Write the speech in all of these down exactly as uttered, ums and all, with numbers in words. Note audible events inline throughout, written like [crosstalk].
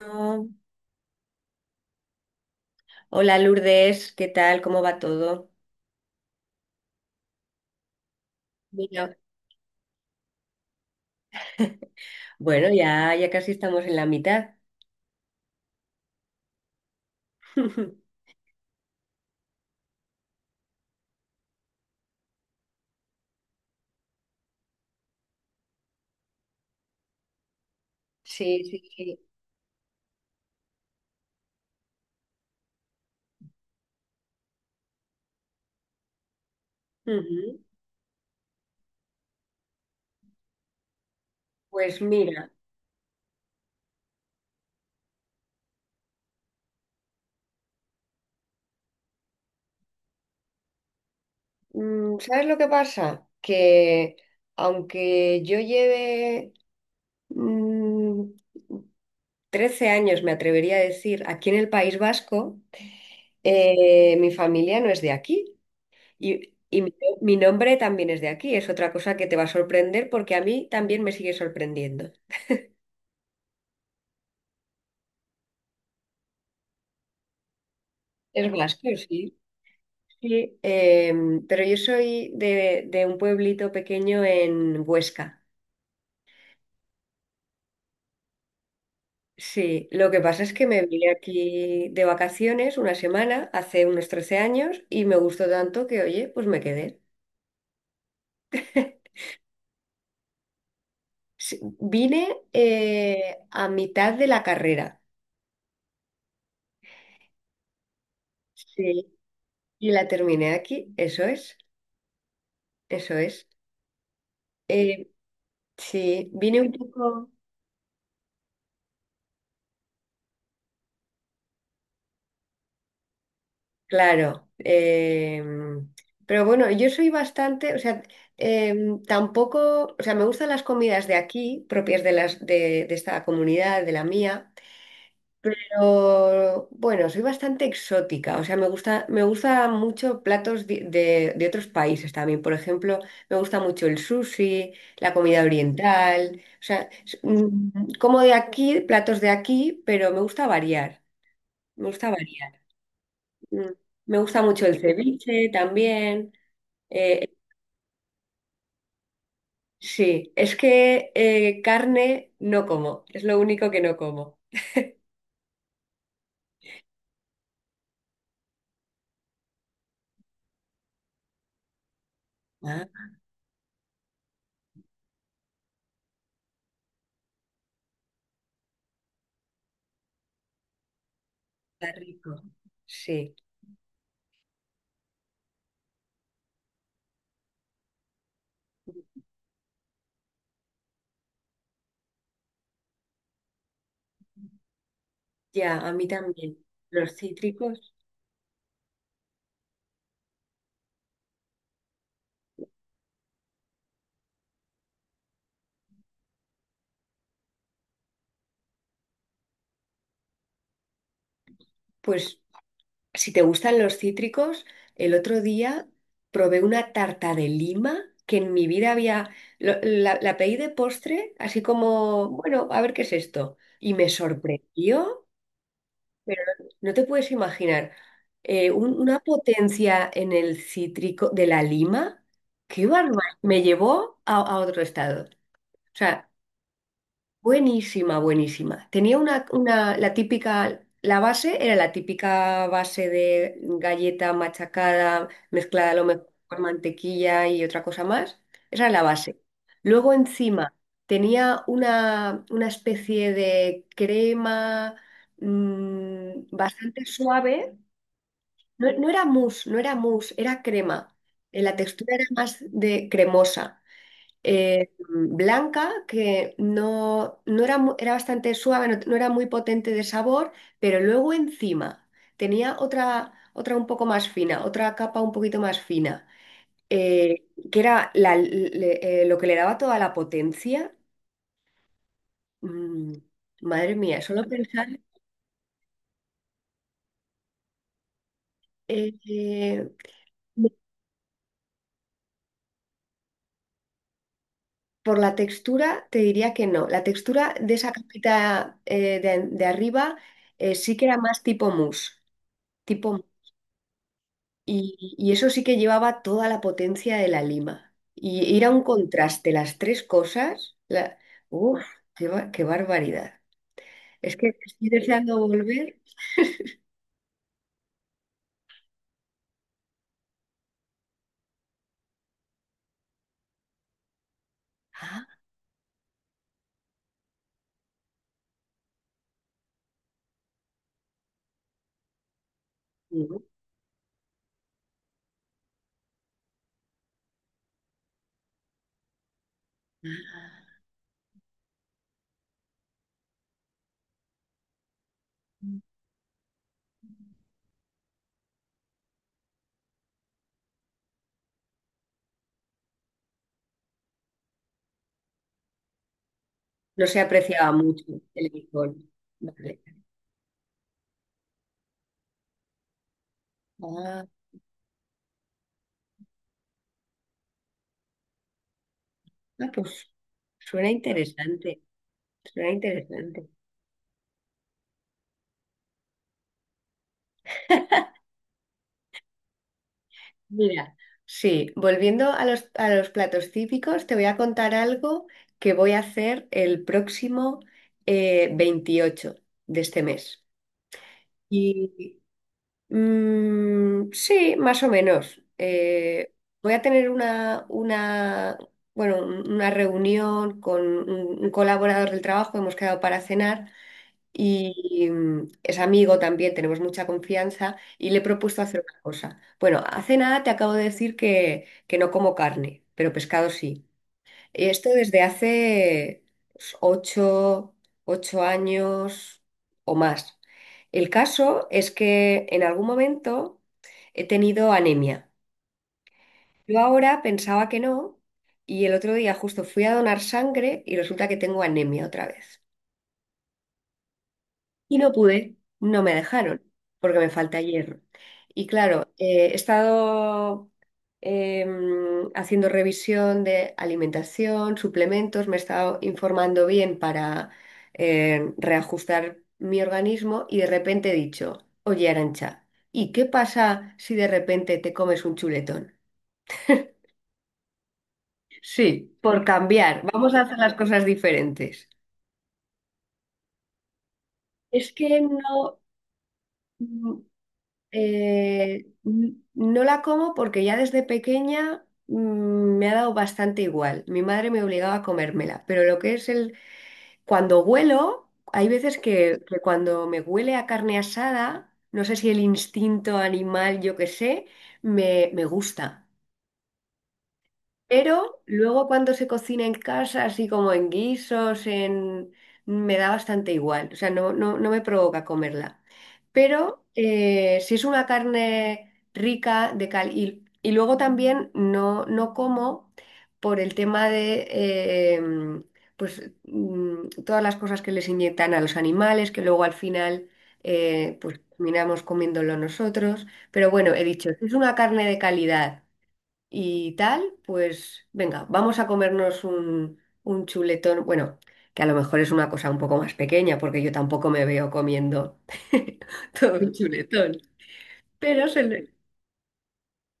Oh, Hola Lourdes, ¿qué tal? ¿Cómo va todo? Mira, bueno, ya, ya casi estamos en la mitad. [laughs] Sí, sí, sí. Ujú. Pues mira, mm, ¿sabes lo que pasa? Que aunque yo lleve mm, trece años, me atrevería a decir, aquí en el País Vasco. Eh, mi familia no es de aquí. Y, y mi, Mi nombre también es de aquí. Es otra cosa que te va a sorprender porque a mí también me sigue sorprendiendo. Es vasco, sí. Sí, em, pero yo soy de, de un pueblito pequeño en Huesca. Sí, lo que pasa es que me vine aquí de vacaciones una semana hace unos trece años y me gustó tanto que, oye, pues me quedé. [laughs] Sí, vine eh, a mitad de la carrera. Sí. Y la terminé aquí, eso es, eso es. Eh, sí, vine un poco. Claro, em, pero bueno, yo soy bastante, o sea, em, tampoco, o sea, me gustan las comidas de aquí, propias de las de, de esta comunidad, de la mía, pero bueno, soy bastante exótica, o sea, me gusta, me gusta mucho platos di- de, de otros países también. Por ejemplo, me gusta mucho el sushi, la comida oriental, o sea, s- mm, como de aquí, platos de aquí, pero me gusta variar, me gusta variar. Mm. Me gusta mucho el ceviche también. Eh, sí, es que eh, carne no como, es lo único que no como. Ah, está rico. Sí, ya, a mí también. Los cítricos, pues si te gustan los cítricos, el otro día probé una tarta de lima que en mi vida había, lo- la, la pedí de postre, así como, bueno, a ver qué es esto. Y me sorprendió. Pero no te puedes imaginar eh, un- una potencia en el cítrico de la lima. ¡Qué barbaridad! Me llevó a, a otro estado. O sea, buenísima, buenísima. Tenía una, una, la típica, la base era la típica base de galleta machacada, mezclada a lo mejor con mantequilla y otra cosa más. Esa era la base. Luego encima tenía una, una especie de crema, mm, bastante suave. No, no era mousse, no era mousse, era crema. Eh, La textura era más de cremosa, eh, blanca, que no, no era, mu- era bastante suave, no, no era muy potente de sabor, pero luego encima tenía otra, otra un poco más fina, otra capa un poquito más fina, eh, que era la- le- eh, lo que le daba toda la potencia. Mm, madre mía, solo pensar... eh, eh, por la textura te diría que no. La textura de esa capita eh, de, de arriba, eh, sí que era más tipo mousse. Tipo. Y, y eso sí que llevaba toda la potencia de la lima. Y era un contraste, las tres cosas. La... Uf, qué, ba- qué barbaridad. Es que estoy deseando volver. Ah, no. Ah. No se apreciaba mucho el licor. Vale. Ah, ah, pues suena interesante. Suena interesante. Mira, sí, volviendo a los, a los platos típicos, te voy a contar algo que voy a hacer el próximo eh, veintiocho de este mes. Y mm, sí, más o menos. Eh, voy a tener una, una, bueno, un- una reunión con un un colaborador del trabajo, hemos quedado para cenar y mm, es amigo también, tenemos mucha confianza y le he propuesto hacer una cosa. Bueno, hace nada te acabo de decir que, que no como carne, pero pescado sí. Y esto desde hace pues, ocho, ocho años o más. El caso es que en algún momento he tenido anemia. Yo ahora pensaba que no y el otro día justo fui a donar sangre y resulta que tengo anemia otra vez. Y no pude, no me dejaron, porque me falta hierro. Y claro, eh, he estado em, haciendo revisión de alimentación, suplementos, me he estado informando bien para eh, reajustar mi organismo y de repente he dicho, oye, Arancha, ¿y qué pasa si de repente te comes un chuletón? Sí, por cambiar, vamos a hacer las cosas diferentes. Es que no. Eh, n- no la como porque ya desde pequeña, mm, me ha dado bastante igual. Mi madre me obligaba a comérmela, pero lo que es el... Cuando huelo, hay veces que, que cuando me huele a carne asada, no sé si el instinto animal, yo qué sé, me, me gusta. Pero luego cuando se cocina en casa, así como en guisos, en... me da bastante igual, o sea, no, no, no me provoca comerla. Pero eh, si es una carne rica de cal y, y luego también no, no como por el tema de em, pues, mm, todas las cosas que les inyectan a los animales, que luego al final eh, pues terminamos comiéndolo nosotros. Pero bueno, he dicho, si es una carne de calidad y tal, pues venga, vamos a comernos un, un chuletón, bueno, que a lo mejor es una cosa un poco más pequeña, porque yo tampoco me veo comiendo [laughs] todo un chuletón, pero se le-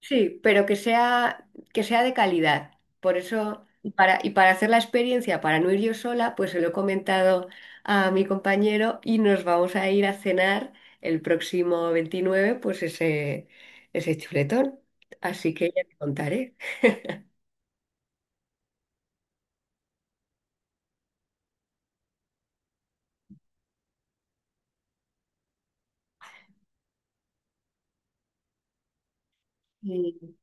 sí, pero que sea, que sea de calidad. Por eso, y para, y para hacer la experiencia, para no ir yo sola, pues se lo he comentado a mi compañero y nos vamos a ir a cenar el próximo veintinueve, pues ese, ese chuletón. Así que ya te contaré. Sí.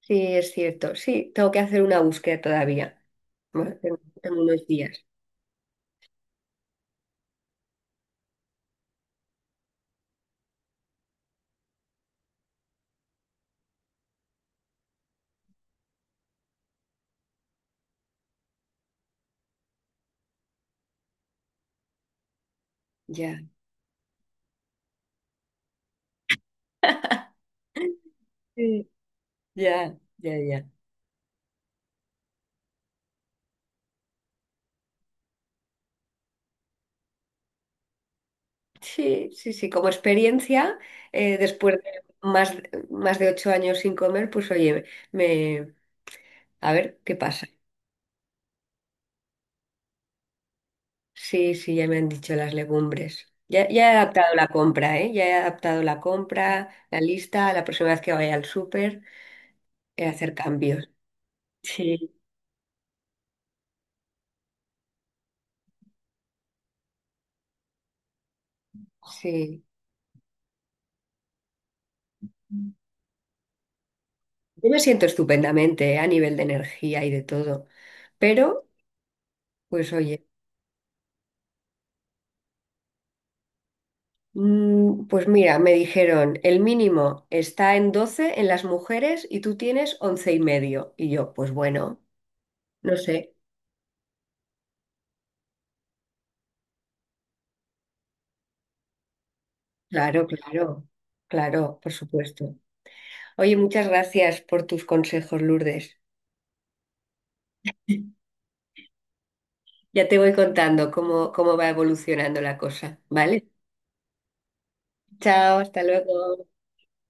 Sí, es cierto. Sí, tengo que hacer una búsqueda todavía. Bueno, tengo, tengo unos días. Ya. Sí. Ya, ya, ya. Sí, sí, sí. Como experiencia, eh, después de más, más de ocho años sin comer, pues oye, me, a ver qué pasa. Sí, sí, ya me han dicho las legumbres. Ya, ya he adaptado la compra, ¿eh? Ya he adaptado la compra, la lista, la próxima vez que vaya al súper, eh, hacer cambios. Sí, sí. Yo me siento estupendamente, eh, a nivel de energía y de todo, pero pues oye, mm, pues mira, me dijeron, el mínimo está en doce en las mujeres y tú tienes once y medio. Y yo, pues bueno, no sé, claro, claro, claro, por supuesto. Oye, muchas gracias por tus consejos, Lourdes. Ya te voy contando cómo, cómo va evolucionando la cosa, ¿vale? Chao, hasta luego.